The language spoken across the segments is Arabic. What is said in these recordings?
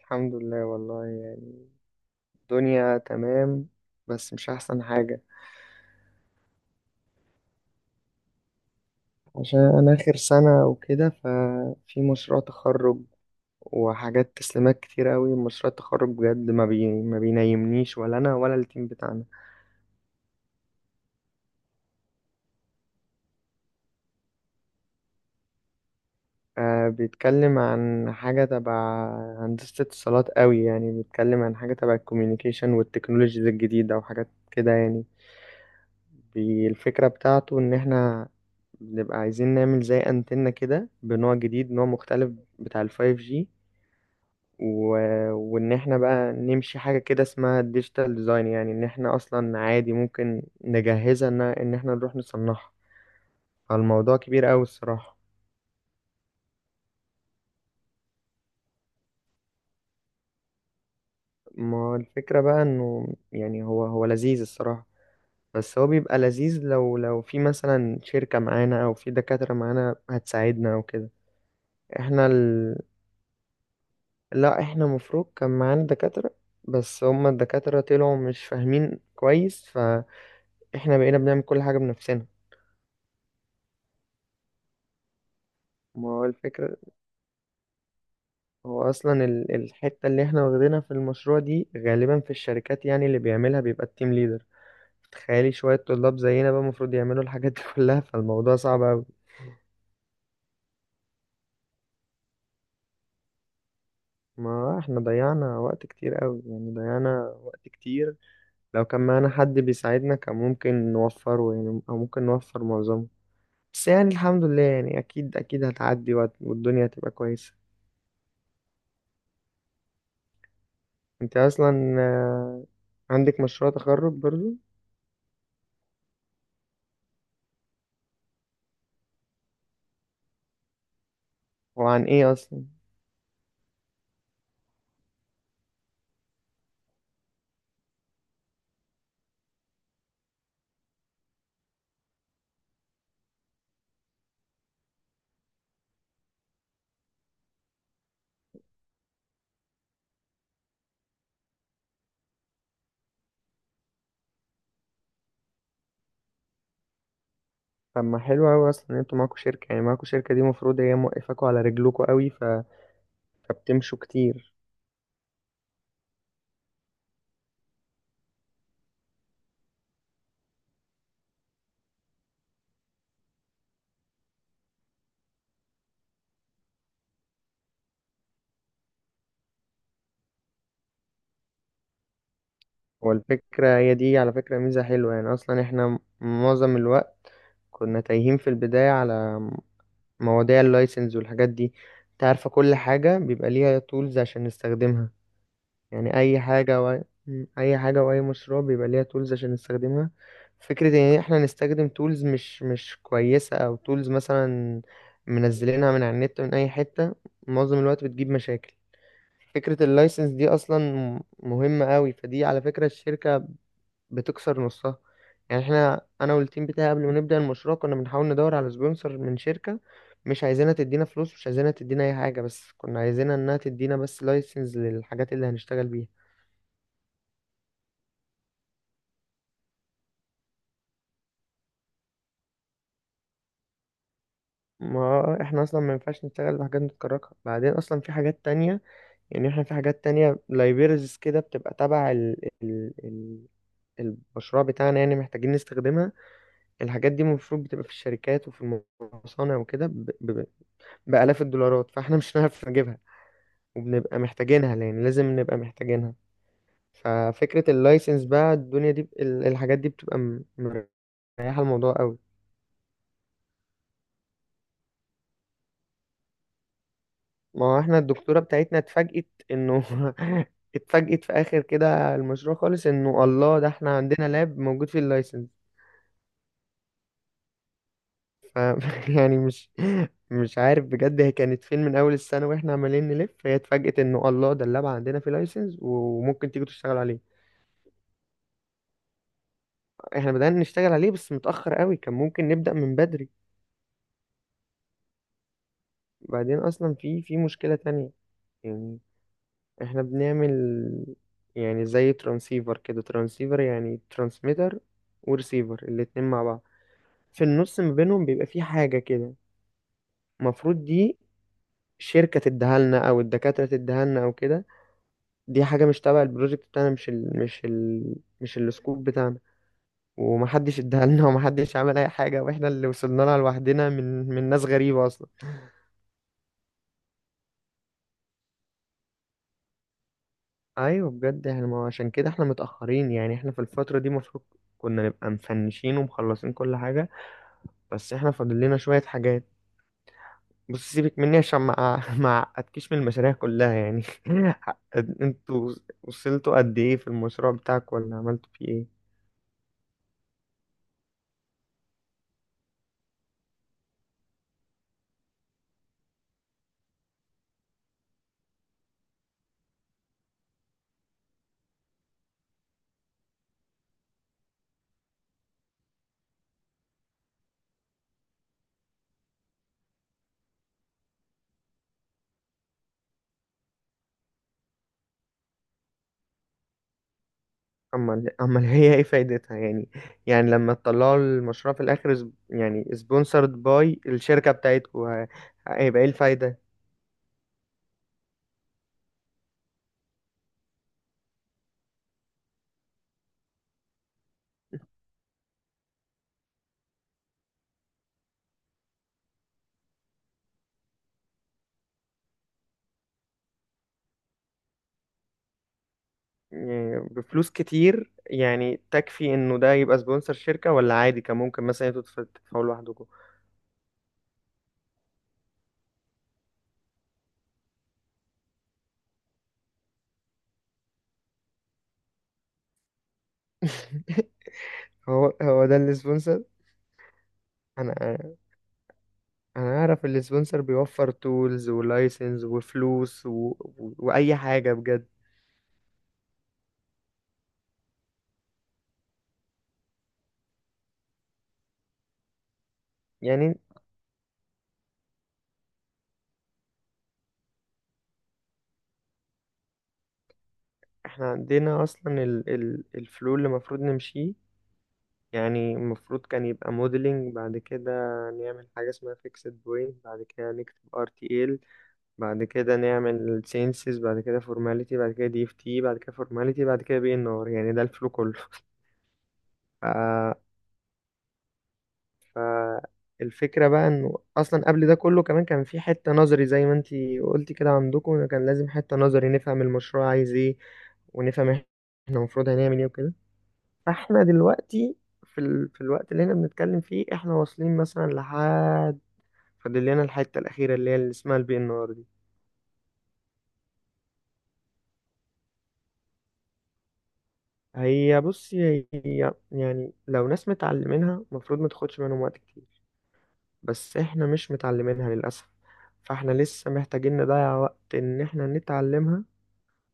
الحمد لله والله، يعني الدنيا تمام. بس مش أحسن حاجة. عشان أنا آخر سنة وكده، ففي مشروع تخرج وحاجات تسليمات كتير أوي. مشروع التخرج بجد ما بينيمنيش ولا أنا ولا التيم بتاعنا. آه، بيتكلم عن حاجة تبع هندسة اتصالات، أوي يعني بيتكلم عن حاجة تبع الكوميونيكيشن والتكنولوجيز الجديدة وحاجات كده، يعني بالفكرة بتاعته إن إحنا بنبقى عايزين نعمل زي أنتنة كده بنوع جديد، نوع مختلف بتاع الفايف جي. و... وإن إحنا بقى نمشي حاجة كده اسمها ديجيتال ديزاين، يعني إن إحنا أصلا عادي ممكن نجهزها، إن إحنا نروح نصنعها. فالموضوع كبير أوي الصراحة. ما هو الفكرة بقى إنه، يعني هو لذيذ الصراحة، بس هو بيبقى لذيذ لو في مثلا شركة معانا أو في دكاترة معانا هتساعدنا أو كده. احنا لا احنا مفروض كان معانا دكاترة، بس هما الدكاترة طلعوا مش فاهمين كويس، فاحنا بقينا بنعمل كل حاجة بنفسنا. ما هو الفكرة، هو أصلا الحتة اللي احنا واخدينها في المشروع دي غالبا في الشركات، يعني اللي بيعملها بيبقى التيم ليدر. تخيلي شوية طلاب زينا بقى المفروض يعملوا الحاجات دي كلها، فالموضوع صعب أوي. ما احنا ضيعنا وقت كتير أوي، يعني ضيعنا وقت كتير. لو كان معانا حد بيساعدنا كان ممكن نوفره، يعني أو ممكن نوفر معظمه. بس يعني الحمد لله، يعني اكيد اكيد هتعدي والدنيا هتبقى كويسة. انت اصلا آه، عندك مشروع تخرج برضو؟ هو عن ايه اصلا؟ طب ما حلو اوي اصلا ان انتوا معاكوا شركة، يعني معاكوا شركة دي المفروض هي موقفاكوا على رجلكوا اوي، فبتمشوا كتير. والفكرة هي دي على فكرة ميزة حلوة، يعني اصلا احنا معظم الوقت كنا تايهين في البداية على مواضيع اللايسنس والحاجات دي. انت عارفة كل حاجة بيبقى ليها تولز عشان نستخدمها، يعني اي حاجه واي مشروع بيبقى ليها تولز عشان نستخدمها. فكره ان احنا نستخدم تولز مش كويسه او تولز مثلا منزلينها من على النت من اي حته، معظم الوقت بتجيب مشاكل. فكره اللايسنس دي اصلا مهمه قوي، فدي على فكره الشركه بتكسر نصها. يعني احنا انا والتيم بتاعي قبل ما نبدا المشروع كنا بنحاول ندور على سبونسر من شركه، مش عايزينها تدينا فلوس، مش عايزينها تدينا اي حاجه، بس كنا عايزينها انها تدينا بس لايسنس للحاجات اللي هنشتغل بيها. ما احنا اصلا ما ينفعش نشتغل بحاجات متكركه. بعدين اصلا في حاجات تانية، يعني احنا في حاجات تانية لايبرز كده بتبقى تبع ال المشروع بتاعنا، يعني محتاجين نستخدمها. الحاجات دي المفروض بتبقى في الشركات وفي المصانع وكده بآلاف الدولارات، فاحنا مش هنعرف نجيبها، وبنبقى محتاجينها، يعني لازم نبقى محتاجينها. ففكرة اللايسنس بقى الدنيا دي الحاجات دي بتبقى مريحة الموضوع قوي. ما هو احنا الدكتورة بتاعتنا اتفاجئت انه، اتفاجئت في اخر كده المشروع خالص انه الله ده احنا عندنا لاب موجود في اللايسنس. ف يعني مش عارف بجد، هي كانت فين من اول السنة واحنا عمالين نلف، هي اتفاجئت انه الله ده اللاب عندنا في لايسنس وممكن تيجي تشتغل عليه. احنا بدأنا نشتغل عليه بس متأخر قوي، كان ممكن نبدأ من بدري. بعدين اصلا في مشكلة تانية، يعني احنا بنعمل يعني زي ترانسيفر كده، ترانسيفر يعني ترانسميتر ورسيفر الاتنين مع بعض، في النص ما بينهم بيبقى في حاجة كده. المفروض دي شركة تديها لنا او الدكاترة تديها لنا او كده، دي حاجة مش تبع البروجكت بتاعنا، مش ال مش ال مش السكوب بتاعنا. ومحدش اديها لنا ومحدش عمل اي حاجة، واحنا اللي وصلنا لها لوحدنا من من ناس غريبة اصلا. ايوه بجد احنا ما هو عشان كده احنا متأخرين، يعني احنا في الفترة دي المفروض كنا نبقى مفنشين ومخلصين كل حاجة، بس احنا فاضل لنا شوية حاجات. بص سيبك مني عشان ما ما اعقدكش من المشاريع كلها، يعني انتوا وصلتوا قد ايه في المشروع بتاعك ولا عملتوا فيه ايه؟ امال امال هي ايه فايدتها يعني؟ يعني لما تطلعوا المشروع في الاخر يعني سبونسرد باي الشركة بتاعتكم، هيبقى ايه الفايدة؟ يعني بفلوس كتير يعني تكفي انه ده يبقى سبونسر شركة؟ ولا عادي كان ممكن مثلا انتوا تدفعوا لوحدكم؟ هو هو ده السبونسر. انا انا اعرف السبونسر بيوفر تولز ولايسنس وفلوس واي حاجه بجد. يعني احنا عندنا اصلا الفلو اللي المفروض نمشيه، يعني المفروض كان يبقى موديلنج، بعد كده نعمل حاجه اسمها فيكسد بوينت، بعد كده نكتب ار تي ال، بعد كده نعمل سينسز، بعد كده فورماليتي، بعد كده دي اف تي، بعد كده فورماليتي، بعد كده بي ان ار، يعني ده الفلو كله. فالفكرة بقى انه اصلا قبل ده كله كمان كان في حتة نظري زي ما انتي قلتي كده عندكم، إنه كان لازم حتة نظري نفهم المشروع عايز ايه، ونفهم احنا المفروض هنعمل ايه وكده. فاحنا دلوقتي في الوقت اللي احنا بنتكلم فيه احنا واصلين مثلا لحد، فاضل لنا الحتة الأخيرة اللي هي اللي اسمها البي ان ار دي. هي بصي هي يعني لو ناس متعلمينها المفروض ما تاخدش منهم وقت كتير، بس احنا مش متعلمينها للأسف، فاحنا لسه محتاجين نضيع وقت ان احنا نتعلمها،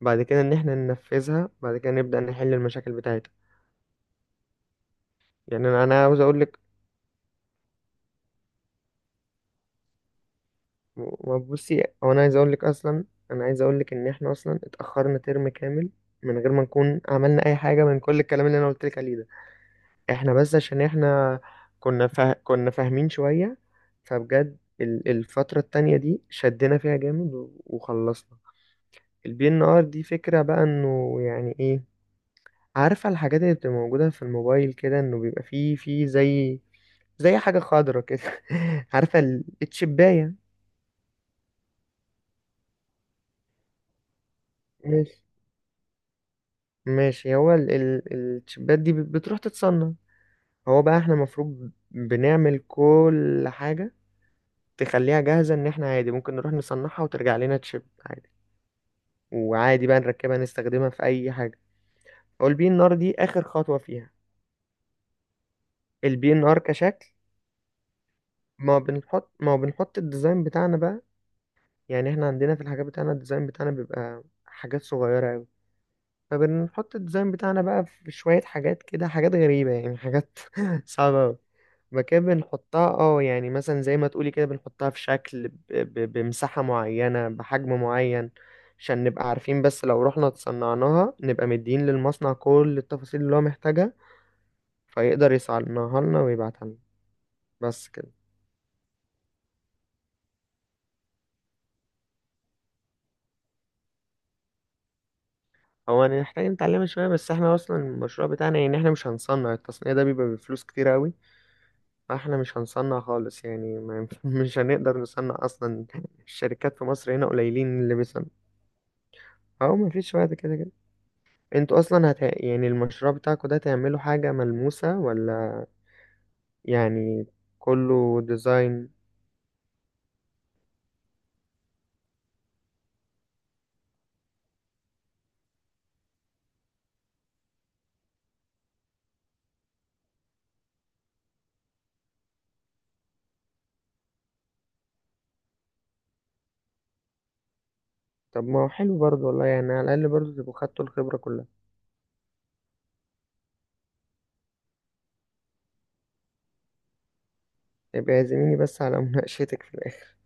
بعد كده ان احنا ننفذها، بعد كده نبدأ نحل المشاكل بتاعتها. يعني انا عاوز اقول لك، بصي هو انا عايز اقول لك اصلا، انا عايز اقول لك ان احنا اصلا اتأخرنا ترم كامل من غير ما نكون عملنا اي حاجة من كل الكلام اللي انا قلت لك عليه ده. احنا بس عشان احنا كنا فاهمين شوية، فبجد الفترة التانية دي شدنا فيها جامد وخلصنا. البي ان ار دي فكرة بقى انه يعني ايه، عارفة الحاجات اللي بتبقى موجودة في الموبايل كده انه بيبقى فيه زي حاجة خضرة كده؟ عارفة التشباية؟ ماشي. ماشي، هو التشبات دي بتروح تتصنع. هو بقى احنا المفروض بنعمل كل حاجة تخليها جاهزة ان احنا عادي ممكن نروح نصنعها وترجع لنا تشيب عادي، وعادي بقى نركبها نستخدمها في اي حاجة. هو البي ان ار دي اخر خطوة فيها، البي ان ار كشكل. ما بنحط الديزاين بتاعنا بقى، يعني احنا عندنا في الحاجات بتاعنا الديزاين بتاعنا بيبقى حاجات صغيرة أوي، فبنحط الديزاين بتاعنا بقى في شوية حاجات كده، حاجات غريبة يعني، حاجات صعبة أوي مكان بنحطها. اه يعني مثلا زي ما تقولي كده بنحطها في شكل بمساحة معينة بحجم معين، عشان نبقى عارفين بس لو رحنا تصنعناها نبقى مدين للمصنع كل التفاصيل اللي هو محتاجها، فيقدر يصنعها لنا ويبعتها لنا. بس كده. هو أنا محتاج نتعلمها شوية، بس احنا أصلا المشروع بتاعنا، يعني احنا مش هنصنع، التصنيع ده بيبقى بفلوس كتير أوي، فاحنا مش هنصنع خالص، يعني ما ينف- مش هنقدر نصنع أصلا. الشركات في مصر هنا قليلين اللي بيصنع. أهو مفيش وقت كده كده. انتوا أصلا يعني المشروع بتاعكوا ده تعملوا حاجة ملموسة ولا يعني كله ديزاين؟ طب ما هو حلو برضه والله، يعني على الأقل برضه تبقوا خدتوا الخبرة كلها. يبقى اعزميني بس على مناقشتك في الآخر.